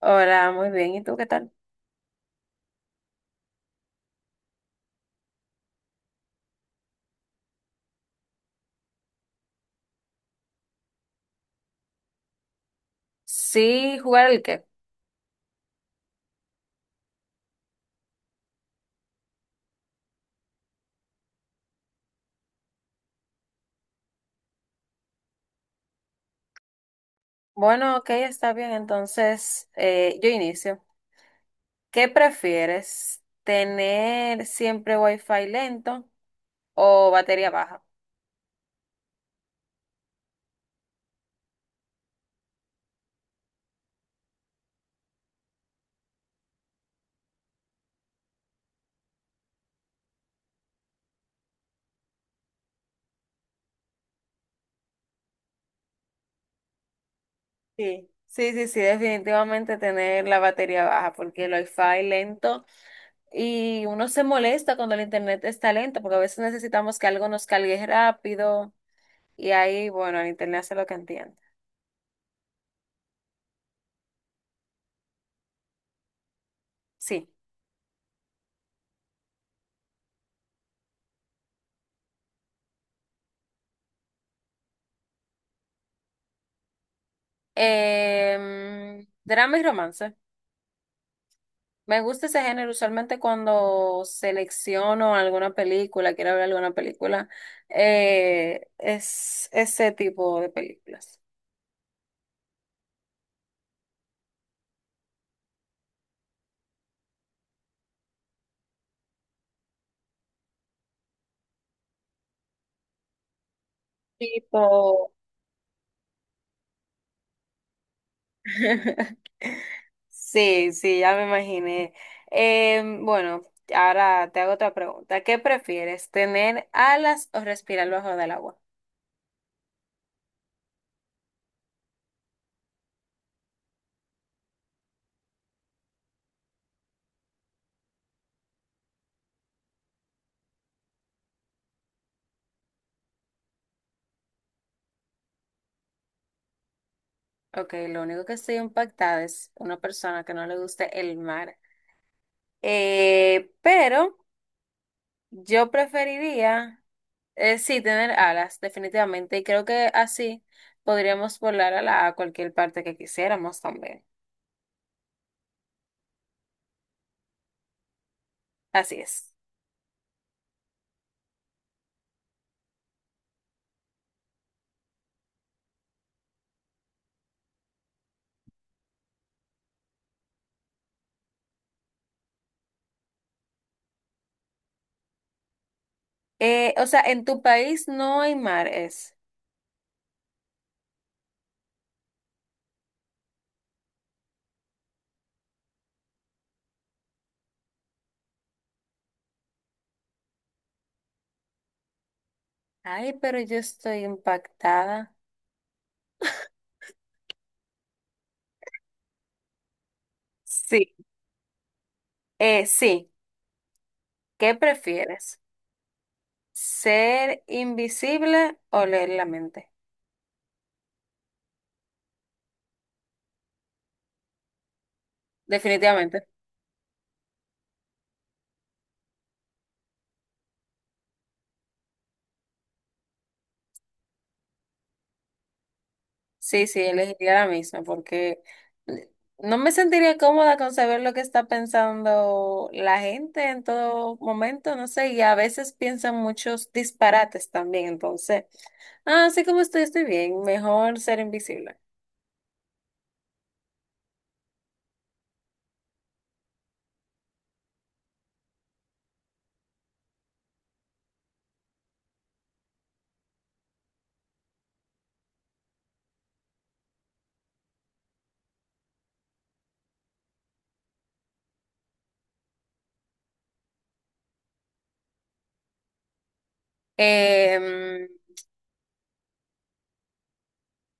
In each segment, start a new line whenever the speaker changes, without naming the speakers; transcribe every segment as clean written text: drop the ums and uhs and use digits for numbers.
Hola, muy bien. ¿Y tú qué tal? Sí, jugar el qué. Bueno, ok, está bien. Entonces, yo inicio. ¿Qué prefieres? ¿Tener siempre wifi lento o batería baja? Sí, sí, sí, sí, definitivamente tener la batería baja, porque el wifi lento y uno se molesta cuando el internet está lento, porque a veces necesitamos que algo nos cargue rápido y ahí, bueno, el internet hace lo que entiende. Sí. Drama y romance. Me gusta ese género, usualmente cuando selecciono alguna película, quiero ver alguna película, es ese tipo de películas. Tipo. Sí, sí, ya me imaginé. Bueno, ahora te hago otra pregunta. ¿Qué prefieres, tener alas o respirar bajo del agua? Ok, lo único que estoy impactada es una persona que no le guste el mar. Pero yo preferiría. Sí, tener alas, definitivamente. Y creo que así podríamos volar a, la, a cualquier parte que quisiéramos también. Así es. O sea, en tu país no hay mares. Ay, pero yo estoy impactada. Sí, sí. ¿Qué prefieres? ¿Ser invisible o leer la mente? Definitivamente. Sí, sí, elegiría la misma porque no me sentiría cómoda con saber lo que está pensando la gente en todo momento, no sé, y a veces piensan muchos disparates también, entonces, ah, así como estoy, estoy bien, mejor ser invisible. Em,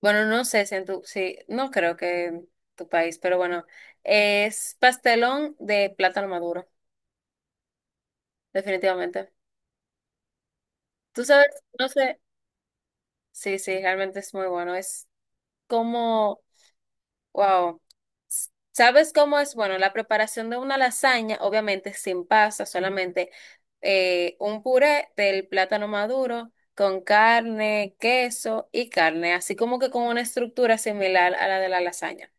bueno, no sé si en tu, sí, no creo que en tu país, pero bueno, es pastelón de plátano maduro, definitivamente. Tú sabes, no sé, sí, sí, realmente es muy bueno, es como... Wow. ¿Sabes cómo es? Bueno, la preparación de una lasaña, obviamente sin pasta, solamente un puré del plátano maduro con carne, queso y carne, así como que con una estructura similar a la de la lasaña.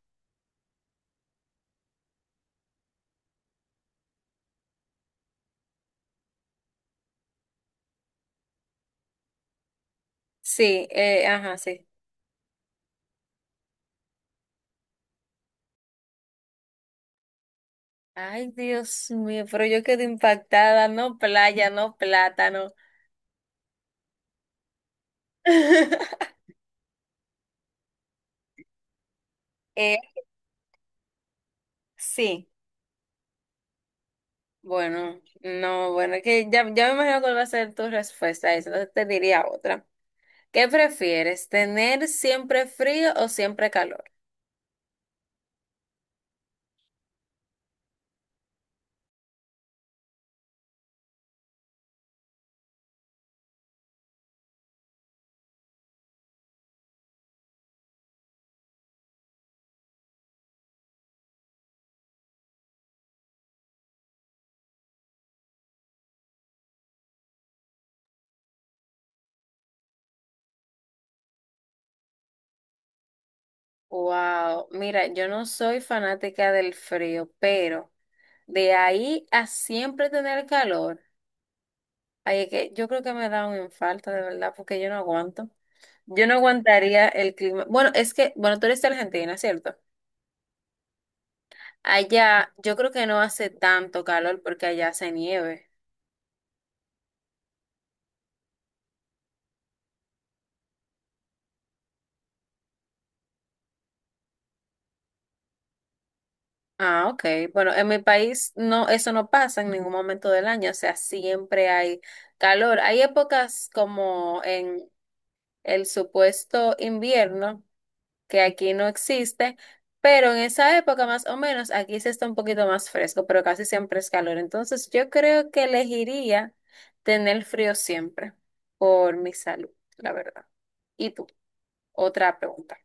Sí, ajá, sí. Ay, Dios mío, pero yo quedé impactada, no playa, no plátano. Eh, sí, bueno, no, bueno, que ya, ya me imagino cuál va a ser tu respuesta a eso, entonces te diría otra. ¿Qué prefieres? ¿Tener siempre frío o siempre calor? Wow, mira, yo no soy fanática del frío, pero de ahí a siempre tener calor, ay, es que yo creo que me da un infarto de verdad, porque yo no aguanto. Yo no aguantaría el clima. Bueno, es que, bueno, tú eres de Argentina, ¿cierto? Allá yo creo que no hace tanto calor porque allá hace nieve. Ah, ok. Bueno, en mi país no, eso no pasa en ningún momento del año, o sea, siempre hay calor. Hay épocas como en el supuesto invierno, que aquí no existe, pero en esa época más o menos aquí se está un poquito más fresco, pero casi siempre es calor. Entonces yo creo que elegiría tener frío siempre por mi salud, la verdad. ¿Y tú? Otra pregunta.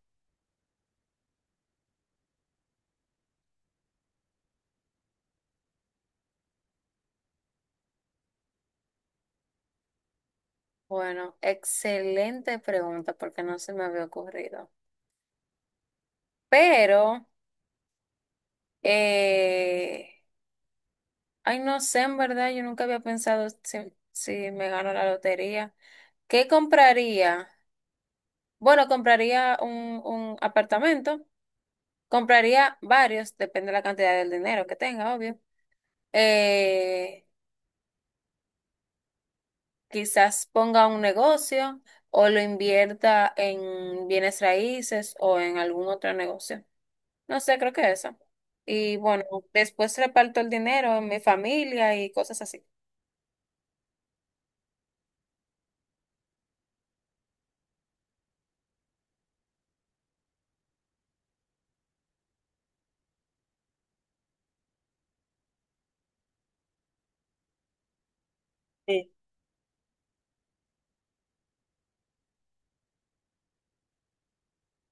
Bueno, excelente pregunta porque no se me había ocurrido. Pero... Eh, ay, no sé, en verdad, yo nunca había pensado si me gano la lotería. ¿Qué compraría? Bueno, compraría un apartamento, compraría varios, depende de la cantidad del dinero que tenga, obvio. Eh, Quizás ponga un negocio o lo invierta en bienes raíces o en algún otro negocio. No sé, creo que eso. Y bueno, después reparto el dinero en mi familia y cosas así. Sí.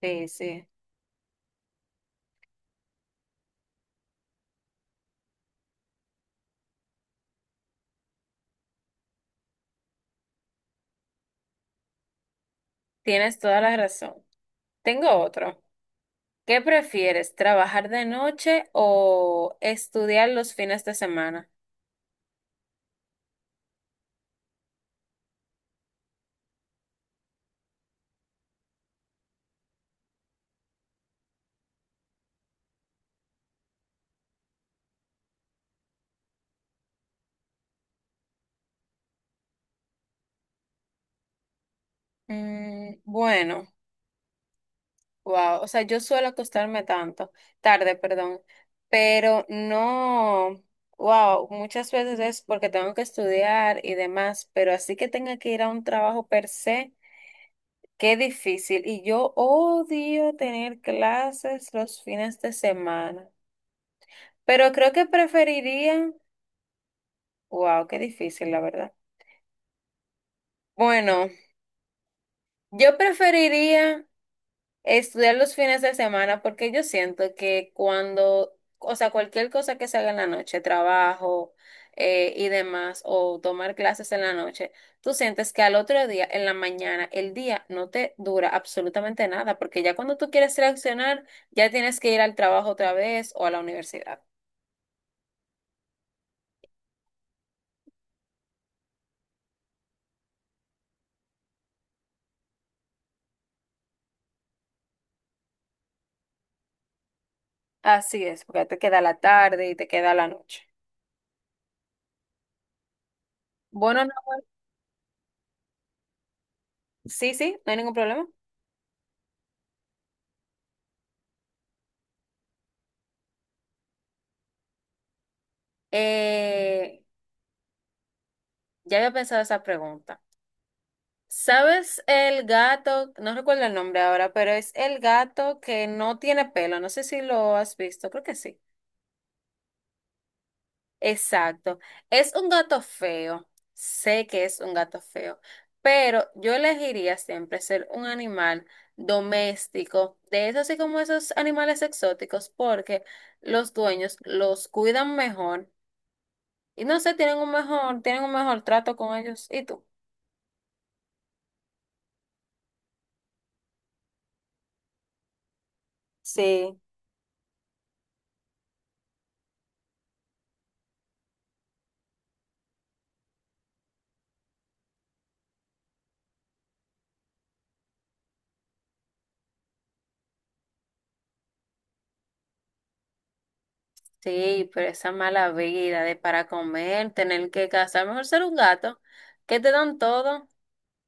Sí, sí. Tienes toda la razón. Tengo otro. ¿Qué prefieres, trabajar de noche o estudiar los fines de semana? Mm, bueno, wow. O sea, yo suelo acostarme tanto, tarde, perdón, pero no, wow, muchas veces es porque tengo que estudiar y demás, pero así que tenga que ir a un trabajo per se, qué difícil. Y yo odio tener clases los fines de semana, pero creo que preferiría... Wow, qué difícil, la verdad. Bueno, yo preferiría estudiar los fines de semana porque yo siento que cuando, o sea, cualquier cosa que se haga en la noche, trabajo y demás, o tomar clases en la noche, tú sientes que al otro día, en la mañana, el día no te dura absolutamente nada, porque ya cuando tú quieres reaccionar, ya tienes que ir al trabajo otra vez o a la universidad. Así es, porque te queda la tarde y te queda la noche. Bueno, no, sí, sí, no hay ningún problema. Eh, ya había pensado esa pregunta. ¿Sabes el gato? No recuerdo el nombre ahora, pero es el gato que no tiene pelo. No sé si lo has visto, creo que sí. Exacto. Es un gato feo. Sé que es un gato feo, pero yo elegiría siempre ser un animal doméstico, de esos así como esos animales exóticos, porque los dueños los cuidan mejor y no sé, tienen un mejor trato con ellos. ¿Y tú? Sí. Sí, pero esa mala vida de para comer, tener que cazar, mejor ser un gato, que te dan todo,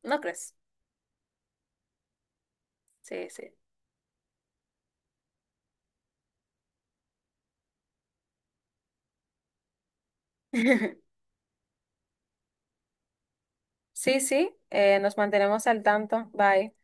¿no crees? Sí, sí. Sí, sí, nos mantenemos al tanto. Bye.